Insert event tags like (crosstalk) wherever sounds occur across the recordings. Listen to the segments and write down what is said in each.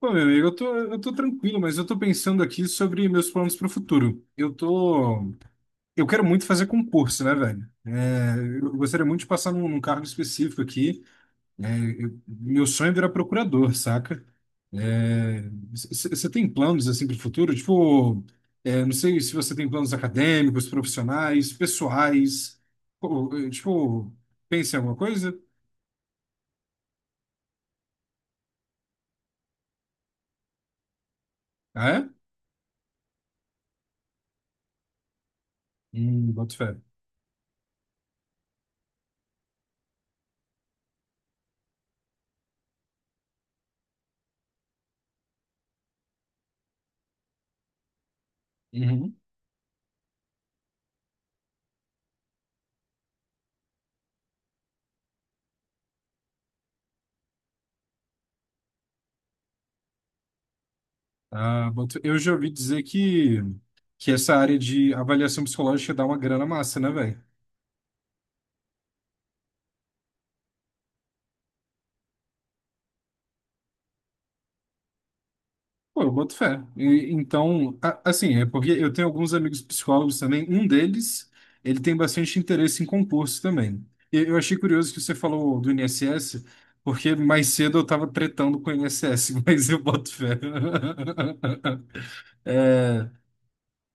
Pô, meu amigo, eu tô tranquilo, mas eu tô pensando aqui sobre meus planos para o futuro. Eu quero muito fazer concurso, né, velho? Eu gostaria muito de passar num cargo específico aqui. Meu sonho é virar procurador, saca? É, Você tem planos assim para o futuro? Tipo, não sei se você tem planos acadêmicos, profissionais, pessoais. Pô, tipo, pensa em alguma coisa? Ah, é? Boto fé. Uhum. Ah, eu já ouvi dizer que essa área de avaliação psicológica dá uma grana massa, né, velho? Pô, eu boto fé. Então, assim, é porque eu tenho alguns amigos psicólogos também. Um deles, ele tem bastante interesse em concurso também. E eu achei curioso que você falou do INSS, porque mais cedo eu tava tretando com o INSS, (laughs) mas eu boto fé. (laughs)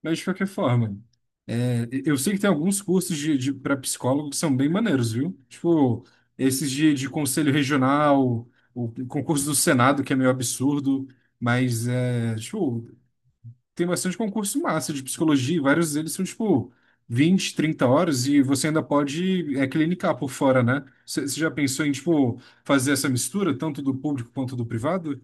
Mas de qualquer forma, eu sei que tem alguns cursos de para psicólogo que são bem maneiros, viu? Tipo, esses de conselho regional, o concurso do Senado, que é meio absurdo, mas é, tipo, tem bastante concurso massa de psicologia, e vários deles são, tipo, 20, 30 horas e você ainda pode clinicar por fora, né? Você já pensou em, tipo, fazer essa mistura, tanto do público quanto do privado?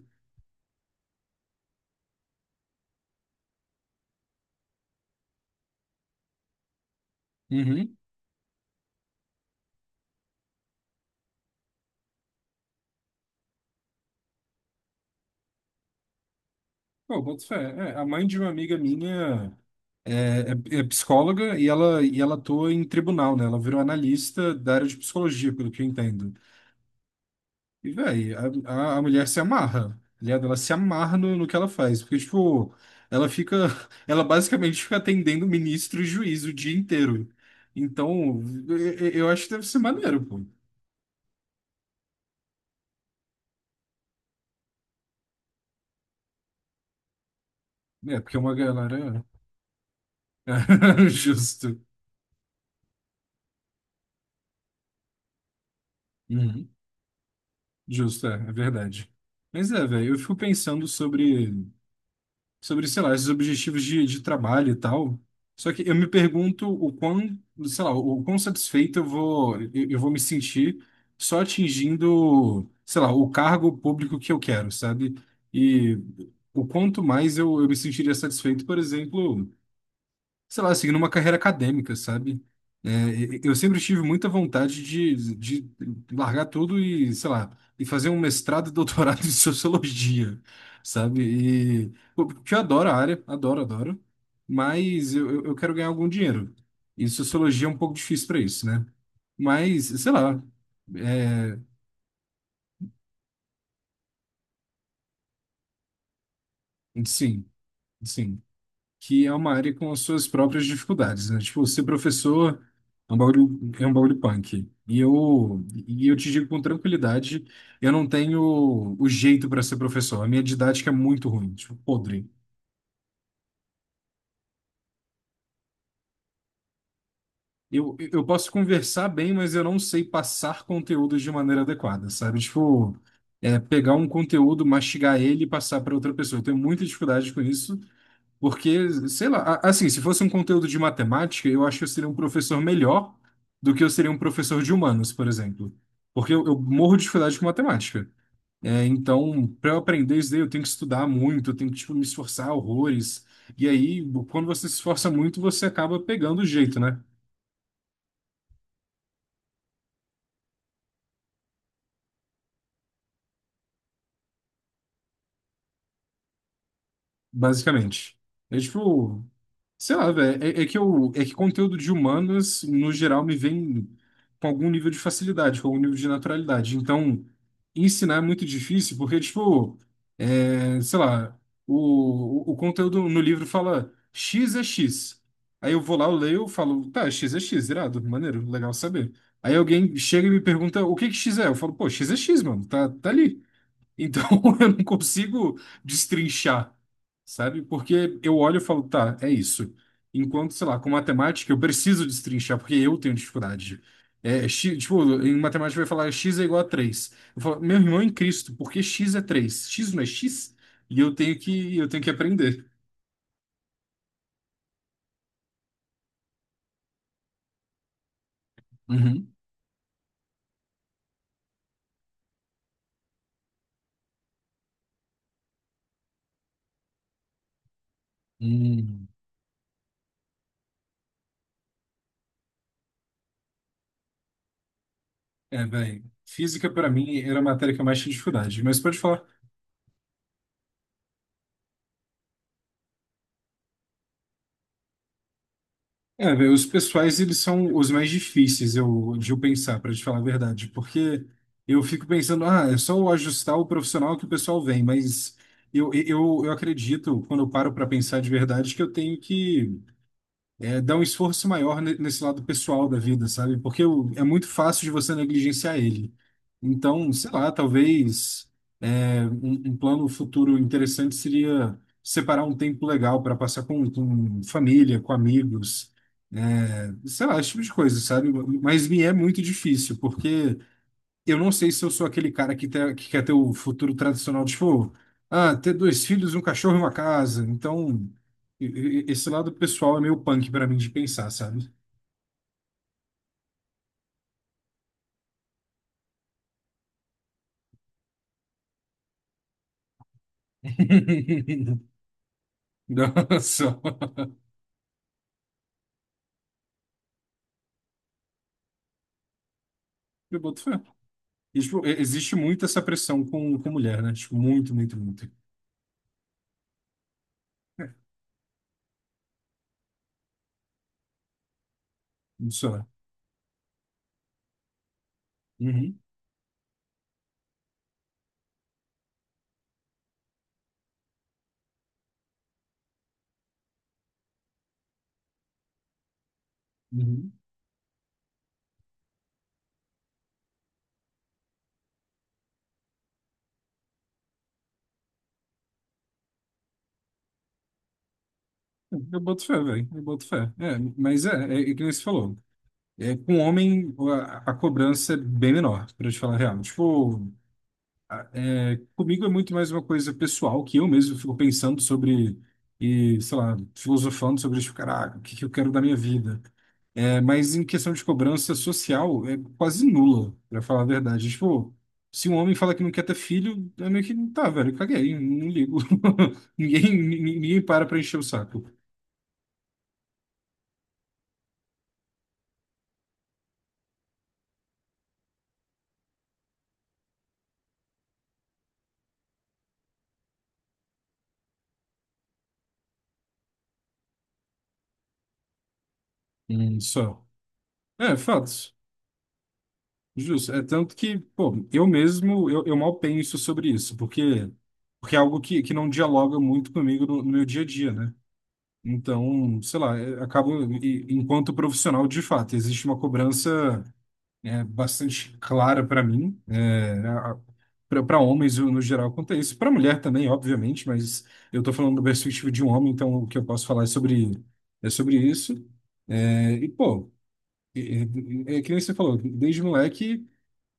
Pô, boto fé. É, a mãe de uma amiga minha é, é psicóloga e ela atua em tribunal, né? Ela virou analista da área de psicologia, pelo que eu entendo. E, véi, a mulher se amarra, tá ligado? Ela se amarra no que ela faz. Porque, tipo, ela fica. (laughs) Ela basicamente fica atendendo ministro e juiz o dia inteiro. Então, eu acho que deve ser maneiro, pô. É, porque é uma galera. (laughs) Justo. Uhum. Justo, é verdade. Mas é, velho, eu fico pensando sobre. Sobre, sei lá, esses objetivos de trabalho e tal. Só que eu me pergunto o quão, sei lá, o quão satisfeito eu vou me sentir só atingindo, sei lá, o cargo público que eu quero, sabe? E o quanto mais eu me sentiria satisfeito, por exemplo, sei lá, seguindo uma carreira acadêmica, sabe? É, eu sempre tive muita vontade de largar tudo e, sei lá, e fazer um mestrado e doutorado (laughs) em sociologia, sabe? E pô, porque eu adoro a área, adoro, adoro, mas eu quero ganhar algum dinheiro. E sociologia é um pouco difícil para isso, né? Mas, sei lá, é, sim, sim. Que é uma área com as suas próprias dificuldades, né? Tipo, ser professor é um bagulho punk. E eu te digo com tranquilidade, eu não tenho o jeito para ser professor. A minha didática é muito ruim, tipo, podre. Eu posso conversar bem, mas eu não sei passar conteúdo de maneira adequada, sabe? Tipo, pegar um conteúdo, mastigar ele e passar para outra pessoa. Eu tenho muita dificuldade com isso. Porque, sei lá, assim, se fosse um conteúdo de matemática, eu acho que eu seria um professor melhor do que eu seria um professor de humanos, por exemplo. Porque eu morro de dificuldade com matemática. É, então, para eu aprender isso daí, eu tenho que estudar muito, eu tenho que, tipo, me esforçar horrores. E aí, quando você se esforça muito, você acaba pegando o jeito, né? Basicamente. É tipo, sei lá, velho. É, é que conteúdo de humanas, no geral, me vem com algum nível de facilidade, com algum nível de naturalidade. Então, ensinar é muito difícil, porque, tipo, sei lá, o conteúdo no livro fala X é X. Aí eu vou lá, eu leio, eu falo, tá, X é X, irado, maneiro, legal saber. Aí alguém chega e me pergunta o que que X é? Eu falo, pô, X é X, mano, tá ali. Então (laughs) eu não consigo destrinchar, sabe? Porque eu olho e falo, tá, é isso. Enquanto, sei lá, com matemática eu preciso destrinchar, porque eu tenho dificuldade. É, X, tipo, em matemática vai falar x é igual a três. Eu falo, meu irmão é em Cristo, por que x é três? X não é x? E eu tenho que aprender. Uhum. Hum. É, bem, física para mim era a matéria que eu mais tinha dificuldade, mas pode falar. É, velho, os pessoais, eles são os mais difíceis de eu pensar, para te falar a verdade, porque eu fico pensando, ah, é só eu ajustar o profissional que o pessoal vem, mas eu acredito, quando eu paro para pensar de verdade, que eu tenho que dar um esforço maior nesse lado pessoal da vida, sabe? Porque é muito fácil de você negligenciar ele. Então, sei lá, talvez um plano futuro interessante seria separar um tempo legal para passar com família, com amigos, sei lá, esse tipo de coisa, sabe? Mas me é muito difícil, porque eu não sei se eu sou aquele cara que, que quer ter o futuro tradicional, tipo, ah, ter dois filhos, um cachorro e uma casa. Então, esse lado pessoal é meio punk pra mim de pensar, sabe? (laughs) Nossa, eu boto fé. E, tipo, existe muito essa pressão com mulher, né? Tipo, muito, muito, muito. É, isso é. Uhum, uhum. Eu boto fé, velho. Eu boto fé. É, mas é, é, é que nem você falou. É, com homem, a cobrança é bem menor, pra te falar a real. Tipo, é, comigo é muito mais uma coisa pessoal que eu mesmo fico pensando sobre e, sei lá, filosofando sobre, tipo, caraca, o que que eu quero da minha vida? É, mas em questão de cobrança social, é quase nula, pra falar a verdade. Tipo, se um homem fala que não quer ter filho, é meio que, tá, velho, caguei, não ligo. (laughs) Ninguém, ninguém para pra encher o saco. Só. É, fatos. Justo, é tanto que, pô, eu mesmo, eu mal penso sobre isso, porque, porque é algo que não dialoga muito comigo no meu dia a dia, né? Então, sei lá, eu acabo, enquanto profissional, de fato, existe uma cobrança, bastante clara para mim, é, para homens no geral quanto a isso, para mulher também, obviamente, mas eu estou falando da perspectiva de um homem, então o que eu posso falar é sobre isso. É, e, pô, é, é, é que nem você falou, desde moleque.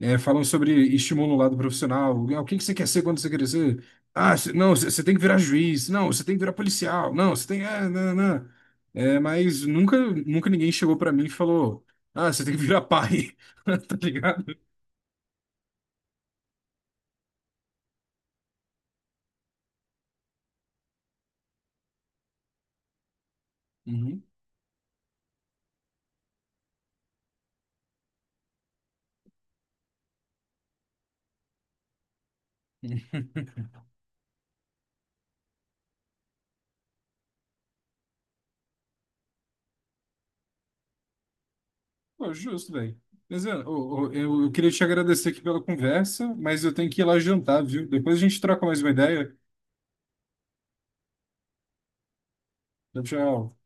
É, falam sobre estímulo no lado profissional. Ah, o que que você quer ser quando você crescer? Ah, não, você tem que virar juiz. Não, você tem que virar policial. Não, você tem. É, não, não. É, mas nunca, nunca ninguém chegou pra mim e falou: ah, você tem que virar pai. (laughs) Tá ligado? Uhum. (laughs) Pô, justo, velho. Mas, é, ô, ô, eu queria te agradecer aqui pela conversa, mas eu tenho que ir lá jantar, viu? Depois a gente troca mais uma ideia. Tchau, tchau.